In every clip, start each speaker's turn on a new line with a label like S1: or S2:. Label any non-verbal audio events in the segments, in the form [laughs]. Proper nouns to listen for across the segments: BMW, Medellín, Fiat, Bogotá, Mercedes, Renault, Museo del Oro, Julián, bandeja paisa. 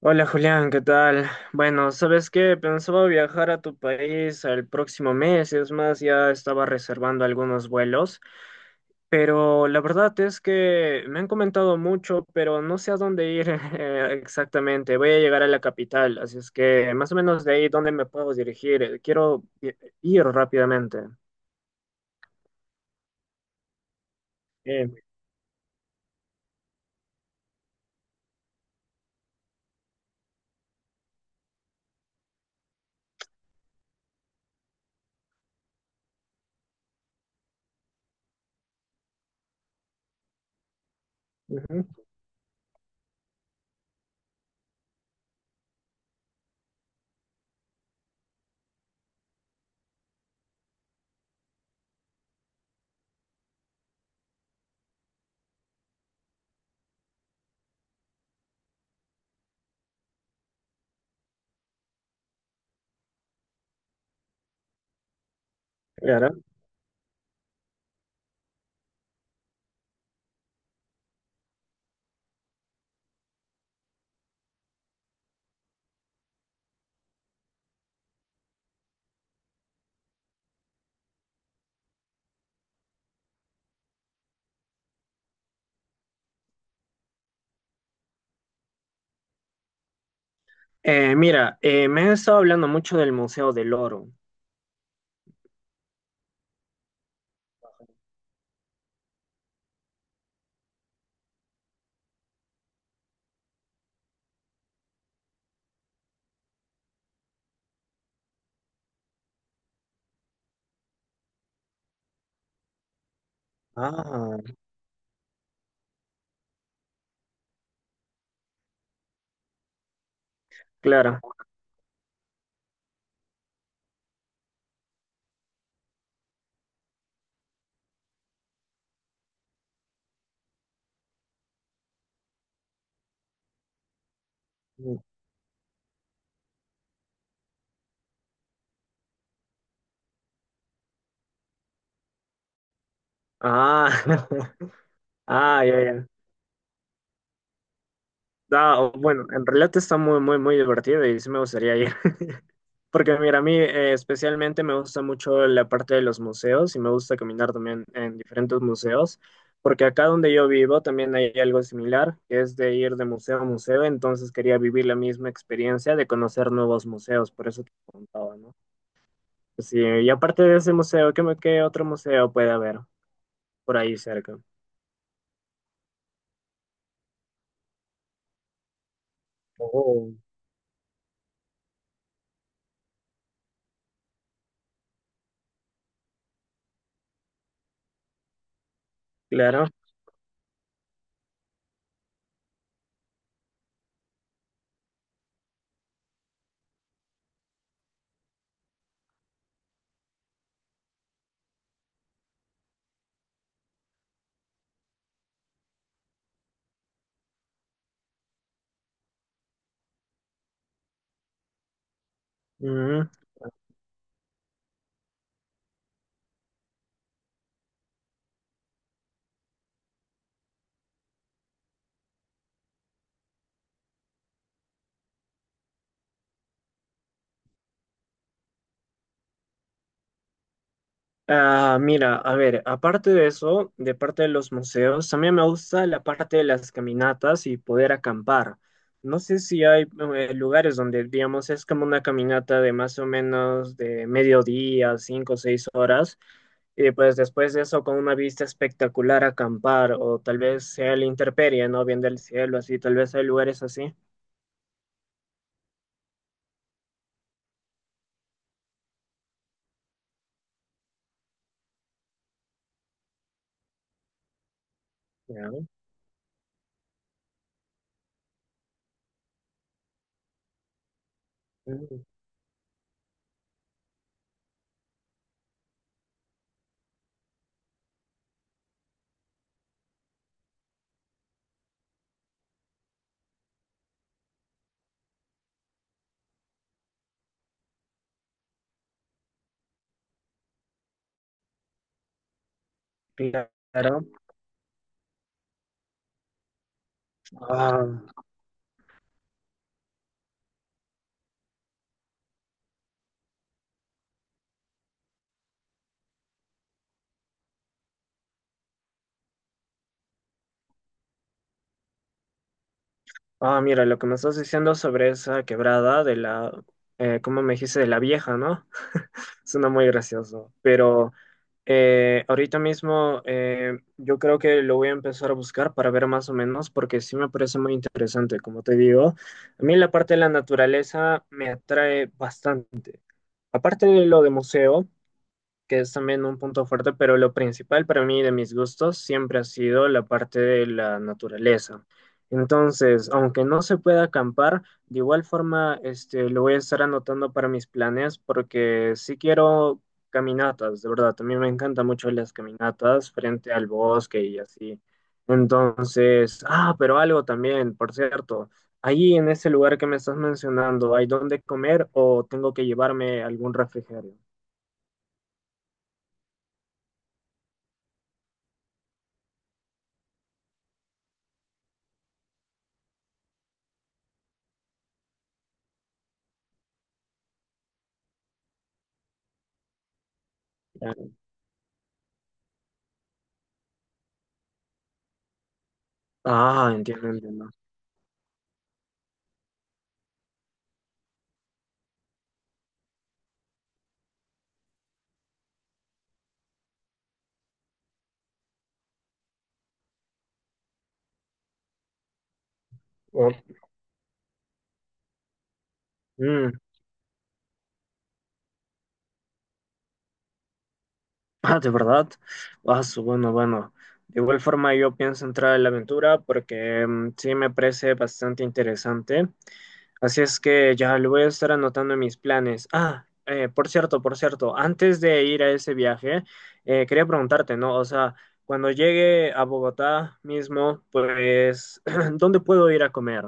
S1: Hola Julián, ¿qué tal? Bueno, ¿sabes qué? Pensaba viajar a tu país el próximo mes, es más, ya estaba reservando algunos vuelos, pero la verdad es que me han comentado mucho, pero no sé a dónde ir [laughs] exactamente. Voy a llegar a la capital, así es que más o menos de ahí, ¿dónde me puedo dirigir? Quiero ir rápidamente. Eh, ujú, claro. Mira, me han estado hablando mucho del Museo del Oro. Ah, claro. Ah, [laughs] Ah, ya, ya. No, bueno, en realidad está muy, muy, muy divertido y sí me gustaría ir. [laughs] Porque mira, a mí especialmente me gusta mucho la parte de los museos y me gusta caminar también en diferentes museos. Porque acá donde yo vivo también hay algo similar, que es de ir de museo a museo. Entonces quería vivir la misma experiencia de conocer nuevos museos, por eso te preguntaba, ¿no? Pues sí, y aparte de ese museo, ¿qué, qué otro museo puede haber por ahí cerca? Oh, claro. Ujú. Ah, mira, a ver, aparte de eso, de parte de los museos, también me gusta la parte de las caminatas y poder acampar. No sé si hay lugares donde, digamos, es como una caminata de más o menos de mediodía, cinco o seis horas, y pues después de eso con una vista espectacular acampar, o tal vez sea la intemperie, ¿no? Viendo el cielo, así, tal vez hay lugares así. Ya. Mm, claro. Ah, ah, mira, lo que me estás diciendo sobre esa quebrada de la, ¿cómo me dijiste? De la vieja, ¿no? [laughs] Suena muy gracioso. Pero ahorita mismo yo creo que lo voy a empezar a buscar para ver más o menos, porque sí me parece muy interesante, como te digo. A mí la parte de la naturaleza me atrae bastante. Aparte de lo de museo que es también un punto fuerte, pero lo principal para mí de mis gustos siempre ha sido la parte de la naturaleza. Entonces, aunque no se pueda acampar, de igual forma este, lo voy a estar anotando para mis planes porque sí quiero caminatas, de verdad, también me encantan mucho las caminatas frente al bosque y así. Entonces, ah, pero algo también, por cierto, ahí en ese lugar que me estás mencionando, ¿hay dónde comer o tengo que llevarme algún refrigerio? Ah, entiendo, entiendo. Oh, mm, [laughs] ah, de verdad. Ah, bueno, bueno. De igual forma, yo pienso entrar en la aventura porque mm, sí me parece bastante interesante. Así es que ya lo voy a estar anotando en mis planes. Ah, por cierto, antes de ir a ese viaje, quería preguntarte, ¿no? O sea, cuando llegue a Bogotá mismo, pues, [clears throat] ¿dónde puedo ir a comer?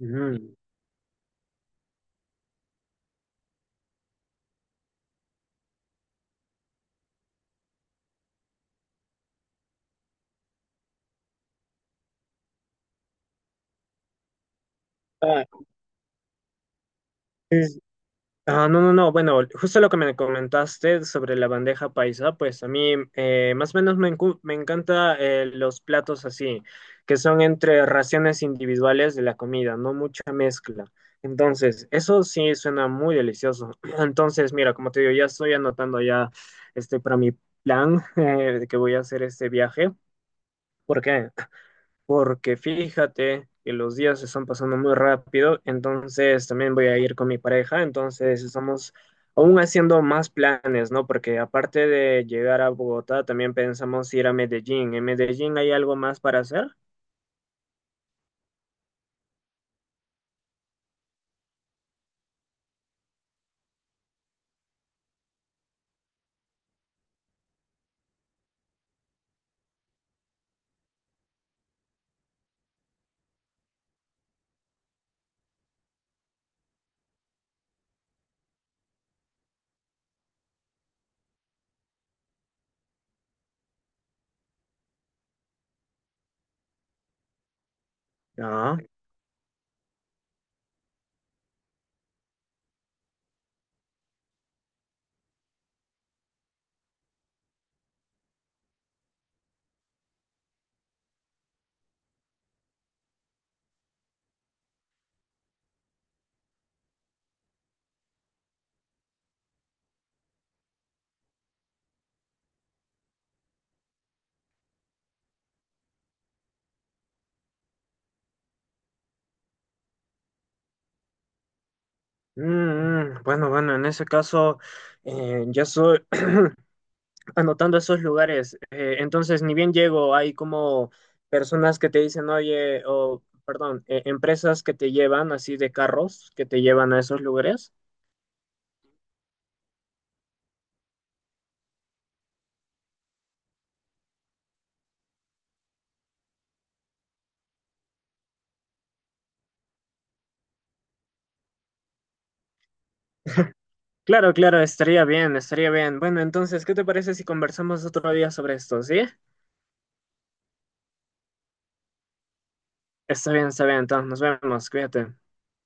S1: Ujú. Ah, ah, no, no, no. Bueno, justo lo que me comentaste sobre la bandeja paisa, pues a mí más o menos me, me encanta los platos así, que son entre raciones individuales de la comida, no mucha mezcla. Entonces, eso sí suena muy delicioso. [clears throat] Entonces, mira, como te digo, ya estoy anotando ya este para mi plan [laughs] de que voy a hacer este viaje. ¿Por qué? Porque fíjate que los días se están pasando muy rápido, entonces también voy a ir con mi pareja, entonces estamos aún haciendo más planes, ¿no? Porque aparte de llegar a Bogotá, también pensamos ir a Medellín. ¿En Medellín hay algo más para hacer? No. Mm, mm, bueno, bueno, en ese caso, ya soy, [clears throat] anotando esos lugares. Entonces, ni bien llego, hay como personas que te dicen, oye, o perdón, empresas que te llevan así de carros, que te llevan a esos lugares. Claro, claro, estaría bien, estaría bien. Bueno, entonces, ¿qué te parece si conversamos otro día sobre esto? ¿Sí? Está bien, entonces nos vemos, cuídate.